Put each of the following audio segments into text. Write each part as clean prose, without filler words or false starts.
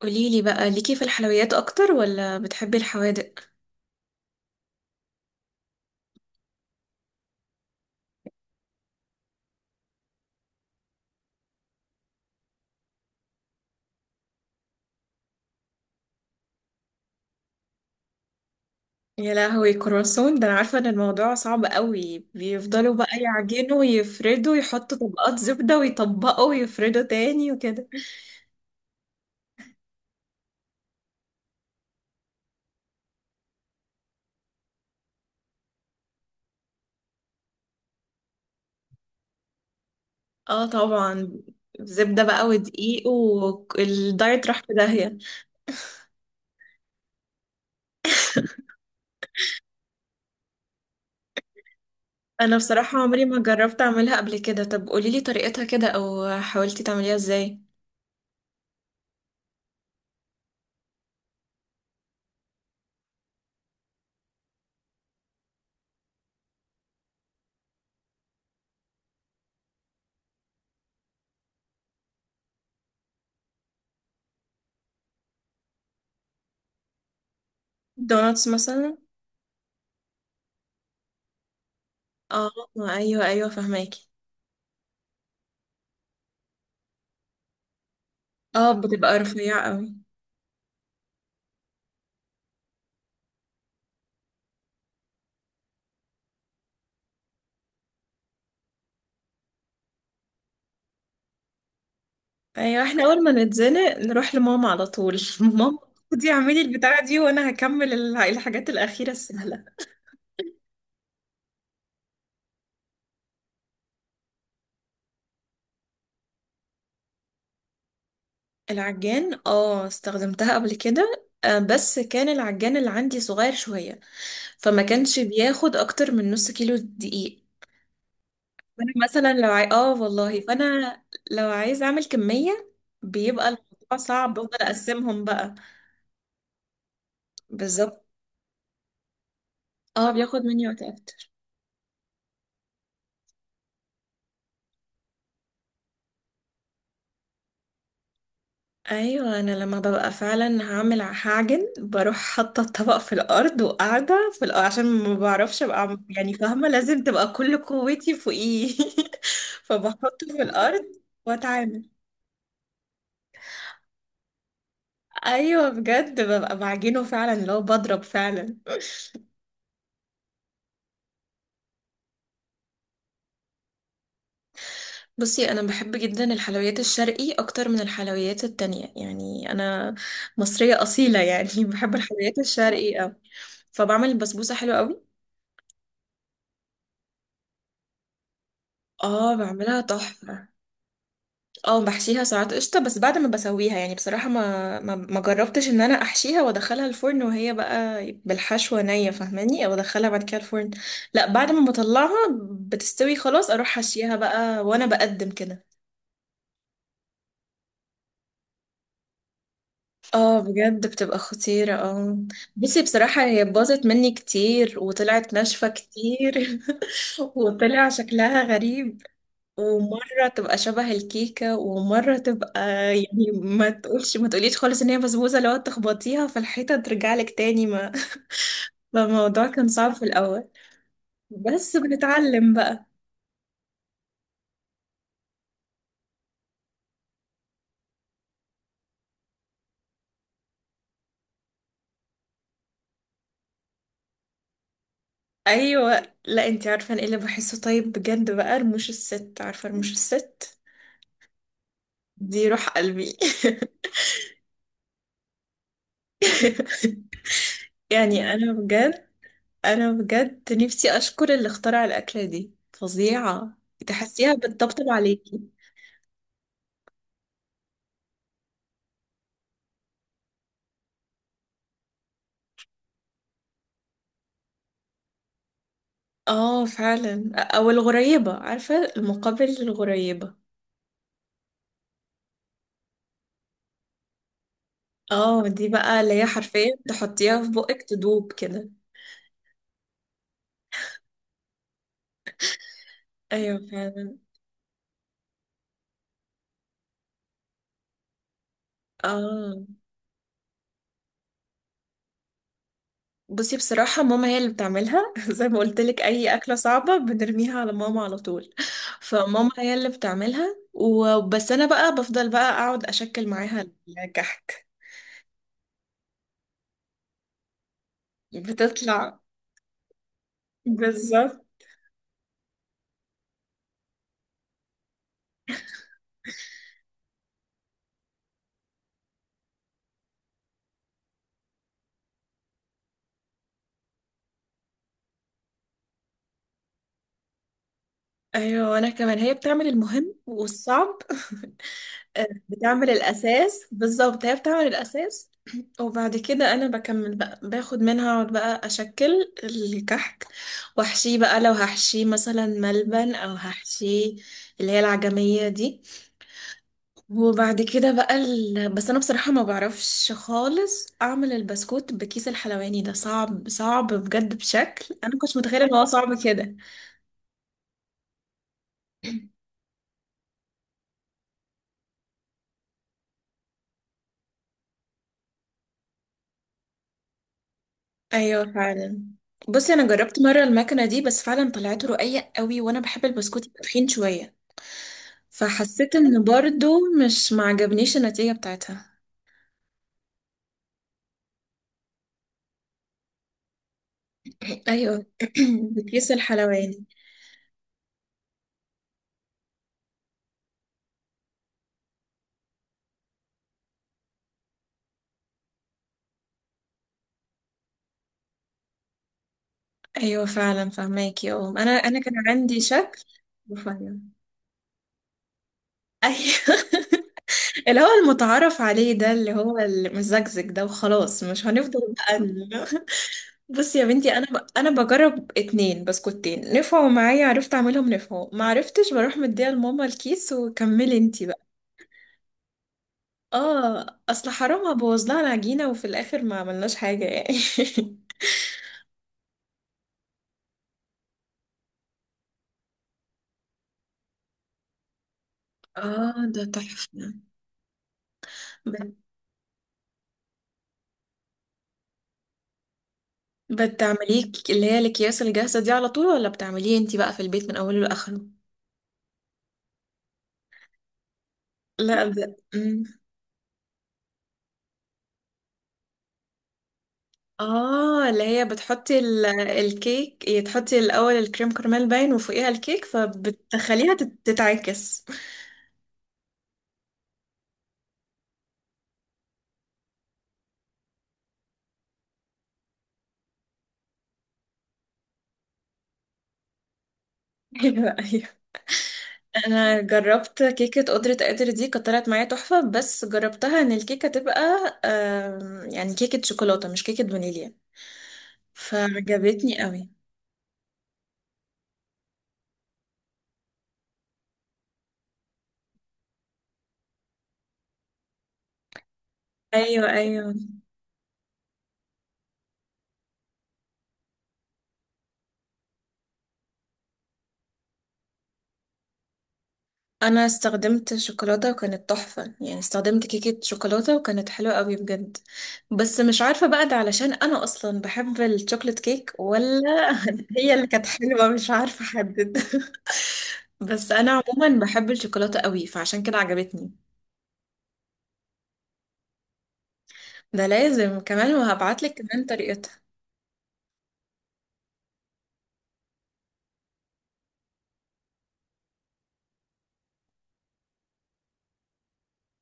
قوليلي بقى ليكي في الحلويات اكتر ولا بتحبي الحوادق؟ يا لهوي، كرواسون ده انا عارفه ان الموضوع صعب قوي، بيفضلوا بقى يعجنوا ويفردوا، يحطوا طبقات زبده ويطبقوا ويفردوا تاني وكده. اه طبعا. زبده بقى ودقيق والدايت راح في داهيه. انا بصراحه عمري ما جربت اعملها قبل كده. طب قوليلي طريقتها كده او حاولتي تعمليها ازاي؟ دوناتس مثلا. اه. ايوه ايوه فهماكي. اه بتبقى رفيعه قوي. ايوه، احنا اول ما نتزنق نروح لماما على طول. ماما، خدي اعملي البتاعة دي وانا هكمل الحاجات الأخيرة السهلة. العجان اه استخدمتها قبل كده آه، بس كان العجان اللي عندي صغير شوية، فما كانش بياخد اكتر من نص كيلو دقيق. فانا مثلا اه والله، فانا لو عايز اعمل كمية بيبقى الموضوع صعب، بفضل اقسمهم بقى. بالظبط. اه بياخد مني وقت اكتر. ايوه انا لما ببقى فعلا هعمل، هعجن بروح حاطه الطبق في الارض وقاعده في الأرض، عشان ما بعرفش ابقى يعني فاهمه، لازم تبقى كل قوتي فوقيه. فبحطه في الارض واتعامل. ايوه بجد ببقى بعجنه فعلا لو بضرب فعلا. بصي انا بحب جدا الحلويات الشرقي اكتر من الحلويات التانية، يعني انا مصريه اصيله يعني. بحب الحلويات الشرقي أوي. فبعمل البسبوسه حلوه قوي. اه بعملها تحفه. اه بحشيها ساعات قشطة، بس بعد ما بسويها. يعني بصراحة ما جربتش ان انا احشيها وادخلها الفرن وهي بقى بالحشوة نية، فاهماني؟ او ادخلها بعد كده الفرن. لا، بعد ما بطلعها بتستوي خلاص، اروح حشيها بقى وانا بقدم كده. اه بجد بتبقى خطيرة، اه. بصي بصراحة هي باظت مني كتير وطلعت ناشفة كتير. وطلع شكلها غريب، ومرة تبقى شبه الكيكة ومرة تبقى، يعني ما تقولش ما تقوليش خالص ان هي بسبوسة، لو تخبطيها في الحيطة ترجع لك تاني ما. فالموضوع كان صعب في الأول، بس بنتعلم بقى. ايوه، لا، انتي عارفة أنا ايه اللي بحسه طيب بجد بقى؟ رموش الست، عارفة رموش الست؟ دي روح قلبي. يعني انا بجد، انا بجد نفسي اشكر اللي اخترع الأكلة دي، فظيعة. تحسيها بتطبطب عليكي. اه فعلا. او الغريبة، عارفة المقابل للغريبة. اه دي بقى اللي هي حرفيا تحطيها في بقك تدوب كده. ايوه فعلا. اه، بصي بصراحة ماما هي اللي بتعملها. زي ما قلت لك، اي اكلة صعبة بنرميها على ماما على طول. فماما هي اللي بتعملها وبس، انا بقى بفضل بقى اقعد اشكل معاها الكحك. بتطلع. بالظبط. ايوه وانا كمان، هي بتعمل المهم والصعب. بتعمل الأساس، بالظبط هي بتعمل الأساس. وبعد كده أنا بكمل بقى، باخد منها أقعد بقى أشكل الكحك وأحشيه بقى، لو هحشيه مثلا ملبن أو هحشيه اللي هي العجمية دي. وبعد كده بقى بس أنا بصراحة ما بعرفش خالص أعمل البسكوت بكيس الحلواني ده، صعب، صعب بجد بشكل. أنا كنت متخيلة إن هو صعب كده. ايوه فعلا. بصي انا جربت مره المكنه دي، بس فعلا طلعت رقيق قوي، وانا بحب البسكوت يبقى تخين شويه، فحسيت ان برضو مش معجبنيش النتيجة بتاعتها. ايوه. بكيس الحلواني. ايوه فعلا فهماكي. اه، انا كان عندي شكل رفيع. ايوه. اللي هو المتعارف عليه ده، اللي هو المزجزج ده، وخلاص مش هنفضل بقى بصي يا بنتي، انا بجرب اتنين بسكوتين، نفعوا معايا عرفت اعملهم، نفعوا ما عرفتش بروح مديها لماما الكيس وكملي انتي بقى. اه اصل حرام ابوظ لها العجينة وفي الاخر ما عملناش حاجة يعني. اه ده تحفة. بت- بتعمليه اللي هي الاكياس الجاهزة دي على طول، ولا بتعمليه انتي بقى في البيت من اوله لاخره؟ لا ب... مم. اه اللي هي بتحطي الكيك، هي تحطي الاول الكريم كراميل باين وفوقيها الكيك، فبتخليها تتعكس. ايوه انا جربت كيكه قدره قادر دي، كانت طلعت معايا تحفه، بس جربتها ان الكيكه تبقى آم، يعني كيكه شوكولاته مش كيكه فانيليا، فعجبتني قوي. ايوه ايوه، انا استخدمت شوكولاته وكانت تحفه، يعني استخدمت كيكه شوكولاته وكانت حلوه قوي بجد. بس مش عارفه بقى ده علشان انا اصلا بحب الشوكولات كيك ولا. هي اللي كانت حلوه مش عارفه احدد. بس انا عموما بحب الشوكولاته قوي، فعشان كده عجبتني. ده لازم كمان، وهبعتلك كمان طريقتها.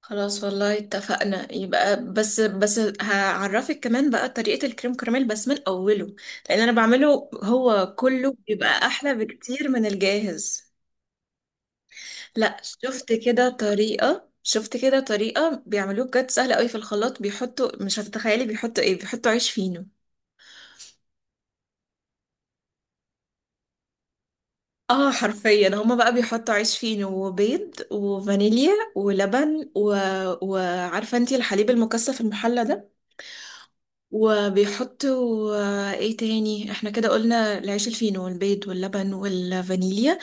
خلاص والله اتفقنا يبقى، بس هعرفك كمان بقى طريقة الكريم كراميل بس من أوله، لأن أنا بعمله هو كله بيبقى أحلى بكتير من الجاهز. لا، شفت كده طريقة، شفت كده طريقة بيعملوه بجد سهلة قوي. في الخلاط بيحطوا، مش هتتخيلي بيحطوا ايه، بيحطوا عيش فينو. اه حرفيا، هما بقى بيحطوا عيش فينو وبيض وفانيليا ولبن و... وعارفة انتي الحليب المكثف المحلى ده؟ وبيحطوا آه، ايه تاني، احنا كده قلنا العيش الفينو والبيض واللبن والفانيليا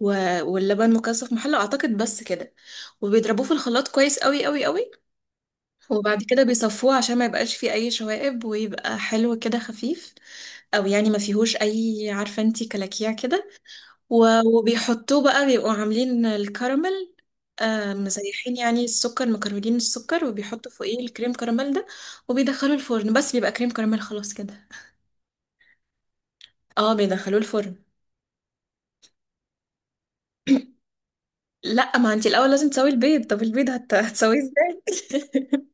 واللبن مكثف محلى اعتقد، بس كده. وبيضربوه في الخلاط كويس، قوي قوي قوي. وبعد كده بيصفوه عشان ما يبقاش فيه اي شوائب ويبقى حلو كده خفيف، او يعني ما فيهوش اي، عارفه انتي، كلاكيع كده. وبيحطوه بقى، بيبقوا عاملين الكراميل آه، مزيحين يعني السكر، مكرملين السكر، وبيحطوا فوقيه الكريم كراميل ده. وبيدخلوا الفرن، بس بيبقى كريم كراميل خلاص كده. اه بيدخلوه الفرن. لا، ما انت الاول لازم تسوي البيض. طب البيض هتسويه ازاي؟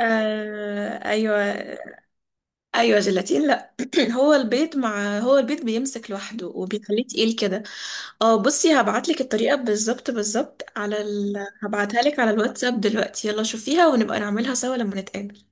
آه ايوه ايوه، جيلاتين. لا هو البيض بيمسك لوحده وبيخليه تقيل كده. اه بصي هبعت لك الطريقه بالظبط بالظبط على هبعتها لك على الواتساب دلوقتي، يلا شوفيها ونبقى نعملها سوا لما نتقابل.